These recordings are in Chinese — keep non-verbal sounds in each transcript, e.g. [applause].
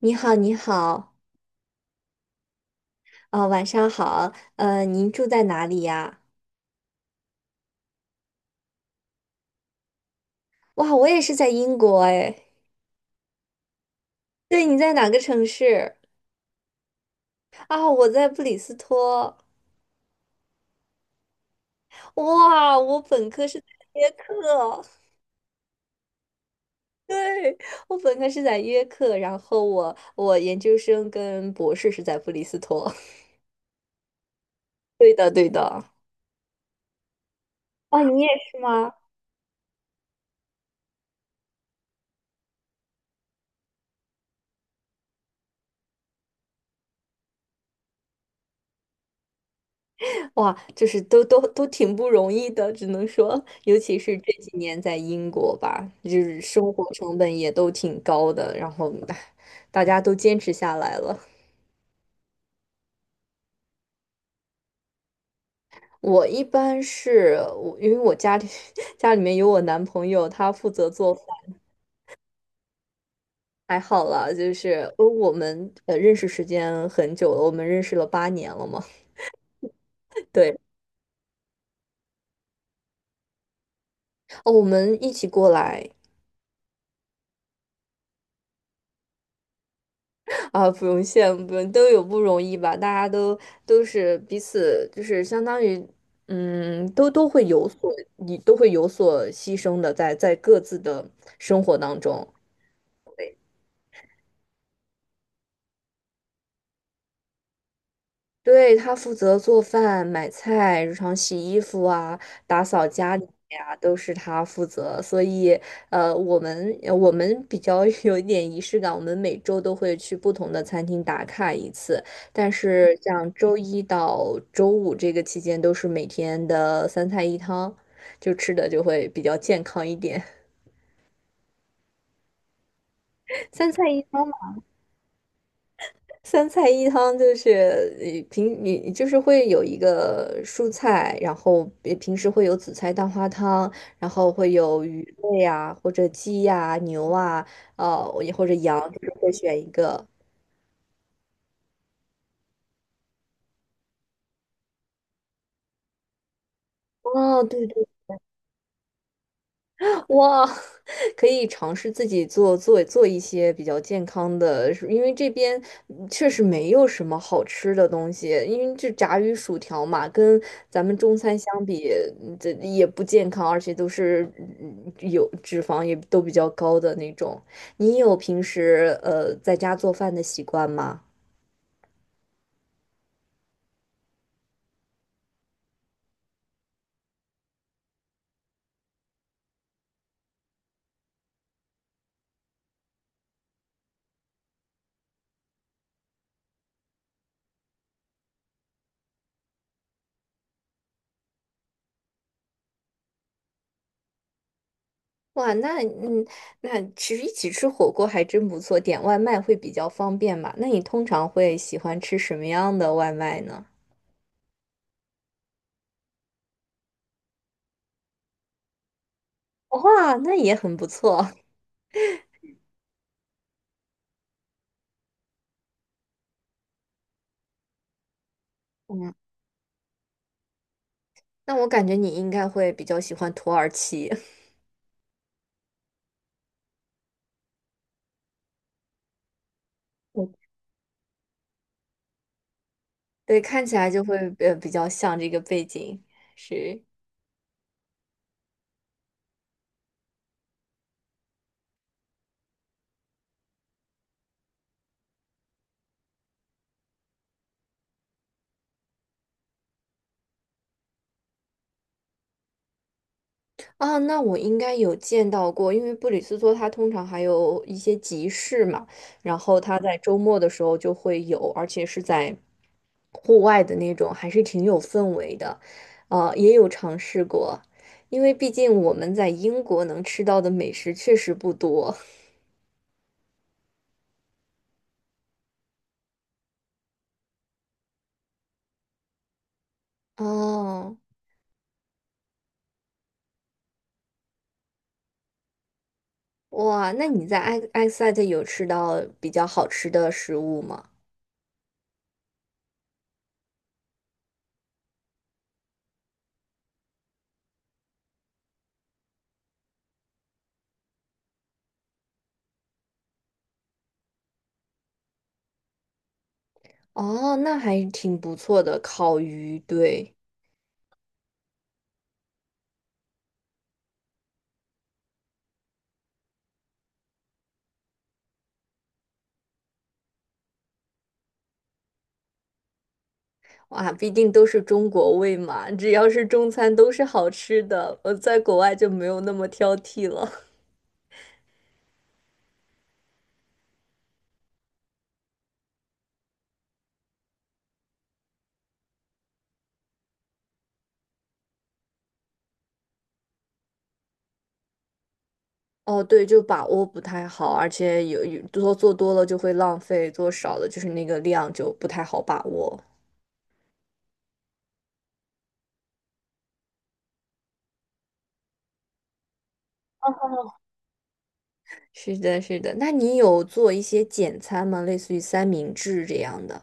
你好，你好，啊，晚上好，您住在哪里呀？哇，我也是在英国哎。对，你在哪个城市？啊，我在布里斯托。哇，我本科是在约克，[laughs] 对，我本科是在约克，然后我研究生跟博士是在布里斯托。[laughs] 对的，对的。哦，你也是吗？哇，就是都挺不容易的，只能说，尤其是这几年在英国吧，就是生活成本也都挺高的，然后唉大家都坚持下来了。我一般是我，因为我家里 [laughs] 家里面有我男朋友，他负责做饭，还好啦，就是我们认识时间很久了，我们认识了8年了嘛。[laughs] 对，哦，我们一起过来。啊，不用羡慕，不用，都有不容易吧？大家都都是彼此，就是相当于，都会有所，你都会有所牺牲的在各自的生活当中。对，他负责做饭、买菜、日常洗衣服啊、打扫家里呀、都是他负责。所以，我们比较 [laughs] 有一点仪式感，我们每周都会去不同的餐厅打卡一次。但是，像周一到周五这个期间，都是每天的三菜一汤，就吃的就会比较健康一点。[laughs] 三菜一汤三菜一汤就是你就是会有一个蔬菜，然后平时会有紫菜蛋花汤，然后会有鱼类呀、或者鸡呀、牛啊，也或者羊，就是会选一个。哦，对对哇。[laughs] 可以尝试自己做一些比较健康的，因为这边确实没有什么好吃的东西，因为这炸鱼薯条嘛，跟咱们中餐相比，这也不健康，而且都是有脂肪也都比较高的那种。你有平时在家做饭的习惯吗？哇，那那其实一起吃火锅还真不错，点外卖会比较方便嘛。那你通常会喜欢吃什么样的外卖呢？哇，那也很不错。嗯，那我感觉你应该会比较喜欢土耳其。[laughs] 嗯对，看起来就会比较像这个背景。是啊，那我应该有见到过，因为布里斯托它通常还有一些集市嘛，然后它在周末的时候就会有，而且是在户外的那种，还是挺有氛围的。也有尝试过，因为毕竟我们在英国能吃到的美食确实不多。[laughs] 哦。哇，那你在埃塞特有吃到比较好吃的食物吗？哦，那还挺不错的，烤鱼，对。哇，毕竟都是中国胃嘛，只要是中餐都是好吃的，我在国外就没有那么挑剔了。[laughs] 哦，对，就把握不太好，而且有多做多了就会浪费，做少了就是那个量就不太好把握。是的，是的，那你有做一些简餐吗？类似于三明治这样的？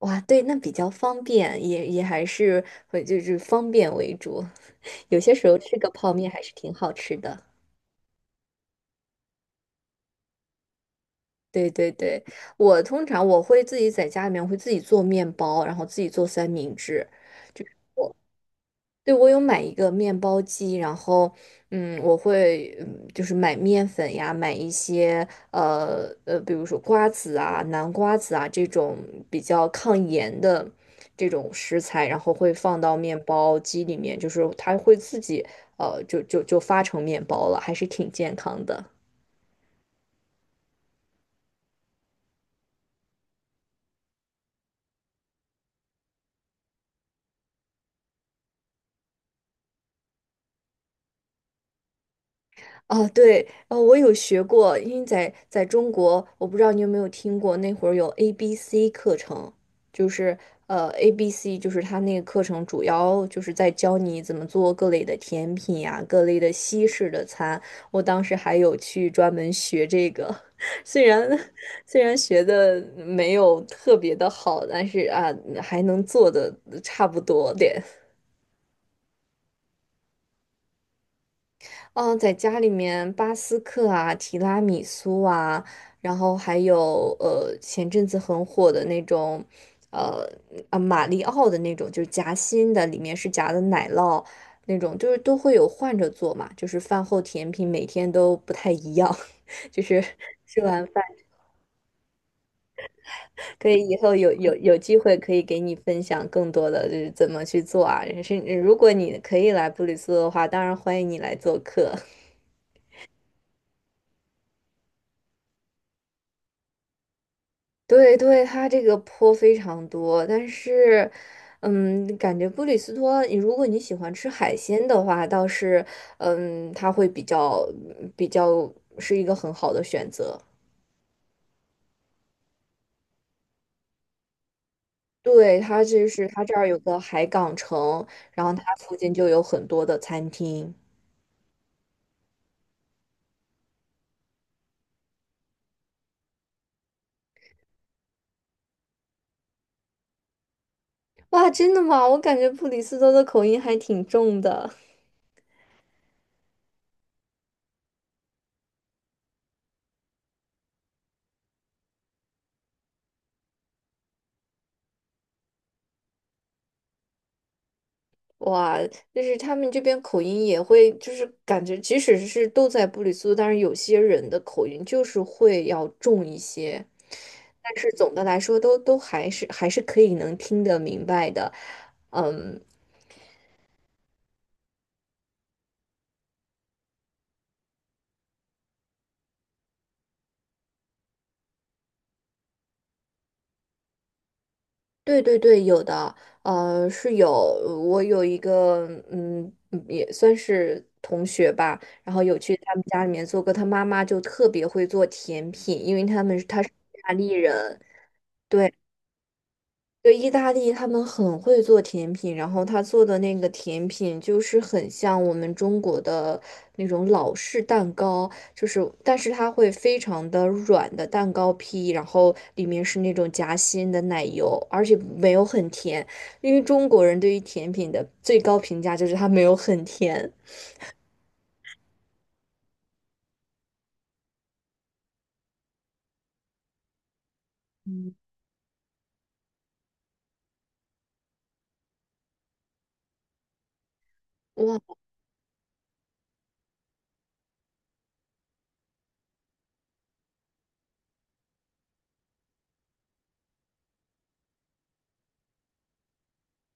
哇，对，那比较方便，也还是会就是方便为主。[laughs] 有些时候吃个泡面还是挺好吃的。对对对，我通常我会自己在家里面会自己做面包，然后自己做三明治。对，我有买一个面包机，然后，我会，就是买面粉呀，买一些，比如说瓜子啊、南瓜子啊这种比较抗炎的这种食材，然后会放到面包机里面，就是它会自己，就发成面包了，还是挺健康的。哦，对，哦，我有学过，因为在中国，我不知道你有没有听过，那会儿有 A B C 课程，就是A B C，就是它那个课程主要就是在教你怎么做各类的甜品呀、各类的西式的餐。我当时还有去专门学这个，[laughs] 虽然虽然学的没有特别的好，但是啊，还能做的差不多点。嗯，在家里面，巴斯克啊、提拉米苏啊，然后还有前阵子很火的那种，呃马里奥的那种，就是夹心的，里面是夹的奶酪那种，就是都会有换着做嘛，就是饭后甜品每天都不太一样。[laughs] 就是吃完饭可以以后有机会可以给你分享更多的就是怎么去做啊，是如果你可以来布里斯托的话，当然欢迎你来做客。对对，它这个坡非常多，但是，感觉布里斯托，如果你喜欢吃海鲜的话，倒是，它会比较是一个很好的选择。对，它就是它这儿有个海港城，然后它附近就有很多的餐厅。哇，真的吗？我感觉布里斯托的口音还挺重的。哇，就是他们这边口音也会，就是感觉即使是都在布里斯托，但是有些人的口音就是会要重一些，但是总的来说都还是可以能听得明白的。嗯，对对对，有的，是有，我有一个，也算是同学吧，然后有去他们家里面做过，他妈妈就特别会做甜品，因为他是意大利人。对。对，意大利他们很会做甜品，然后他做的那个甜品就是很像我们中国的那种老式蛋糕，就是但是它会非常的软的蛋糕坯，然后里面是那种夹心的奶油，而且没有很甜，因为中国人对于甜品的最高评价就是它没有很甜。哇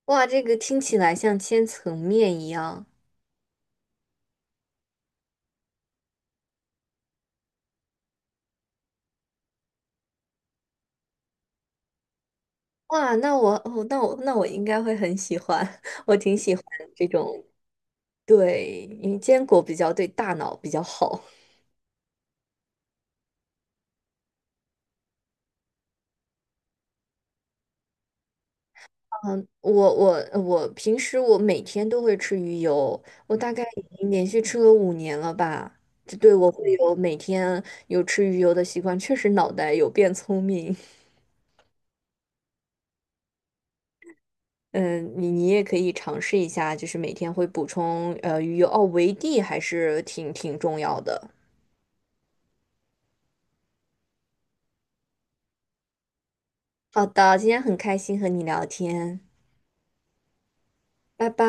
哇，这个听起来像千层面一样。哇，那我哦，那我那我应该会很喜欢，[laughs] 我挺喜欢这种。对，因为坚果比较对大脑比较好。嗯，我平时我每天都会吃鱼油，我大概已经连续吃了5年了吧。这对我会有每天有吃鱼油的习惯，确实脑袋有变聪明。[laughs] 嗯，你也可以尝试一下，就是每天会补充鱼油哦，维 D 还是挺重要的。好的，今天很开心和你聊天，拜拜。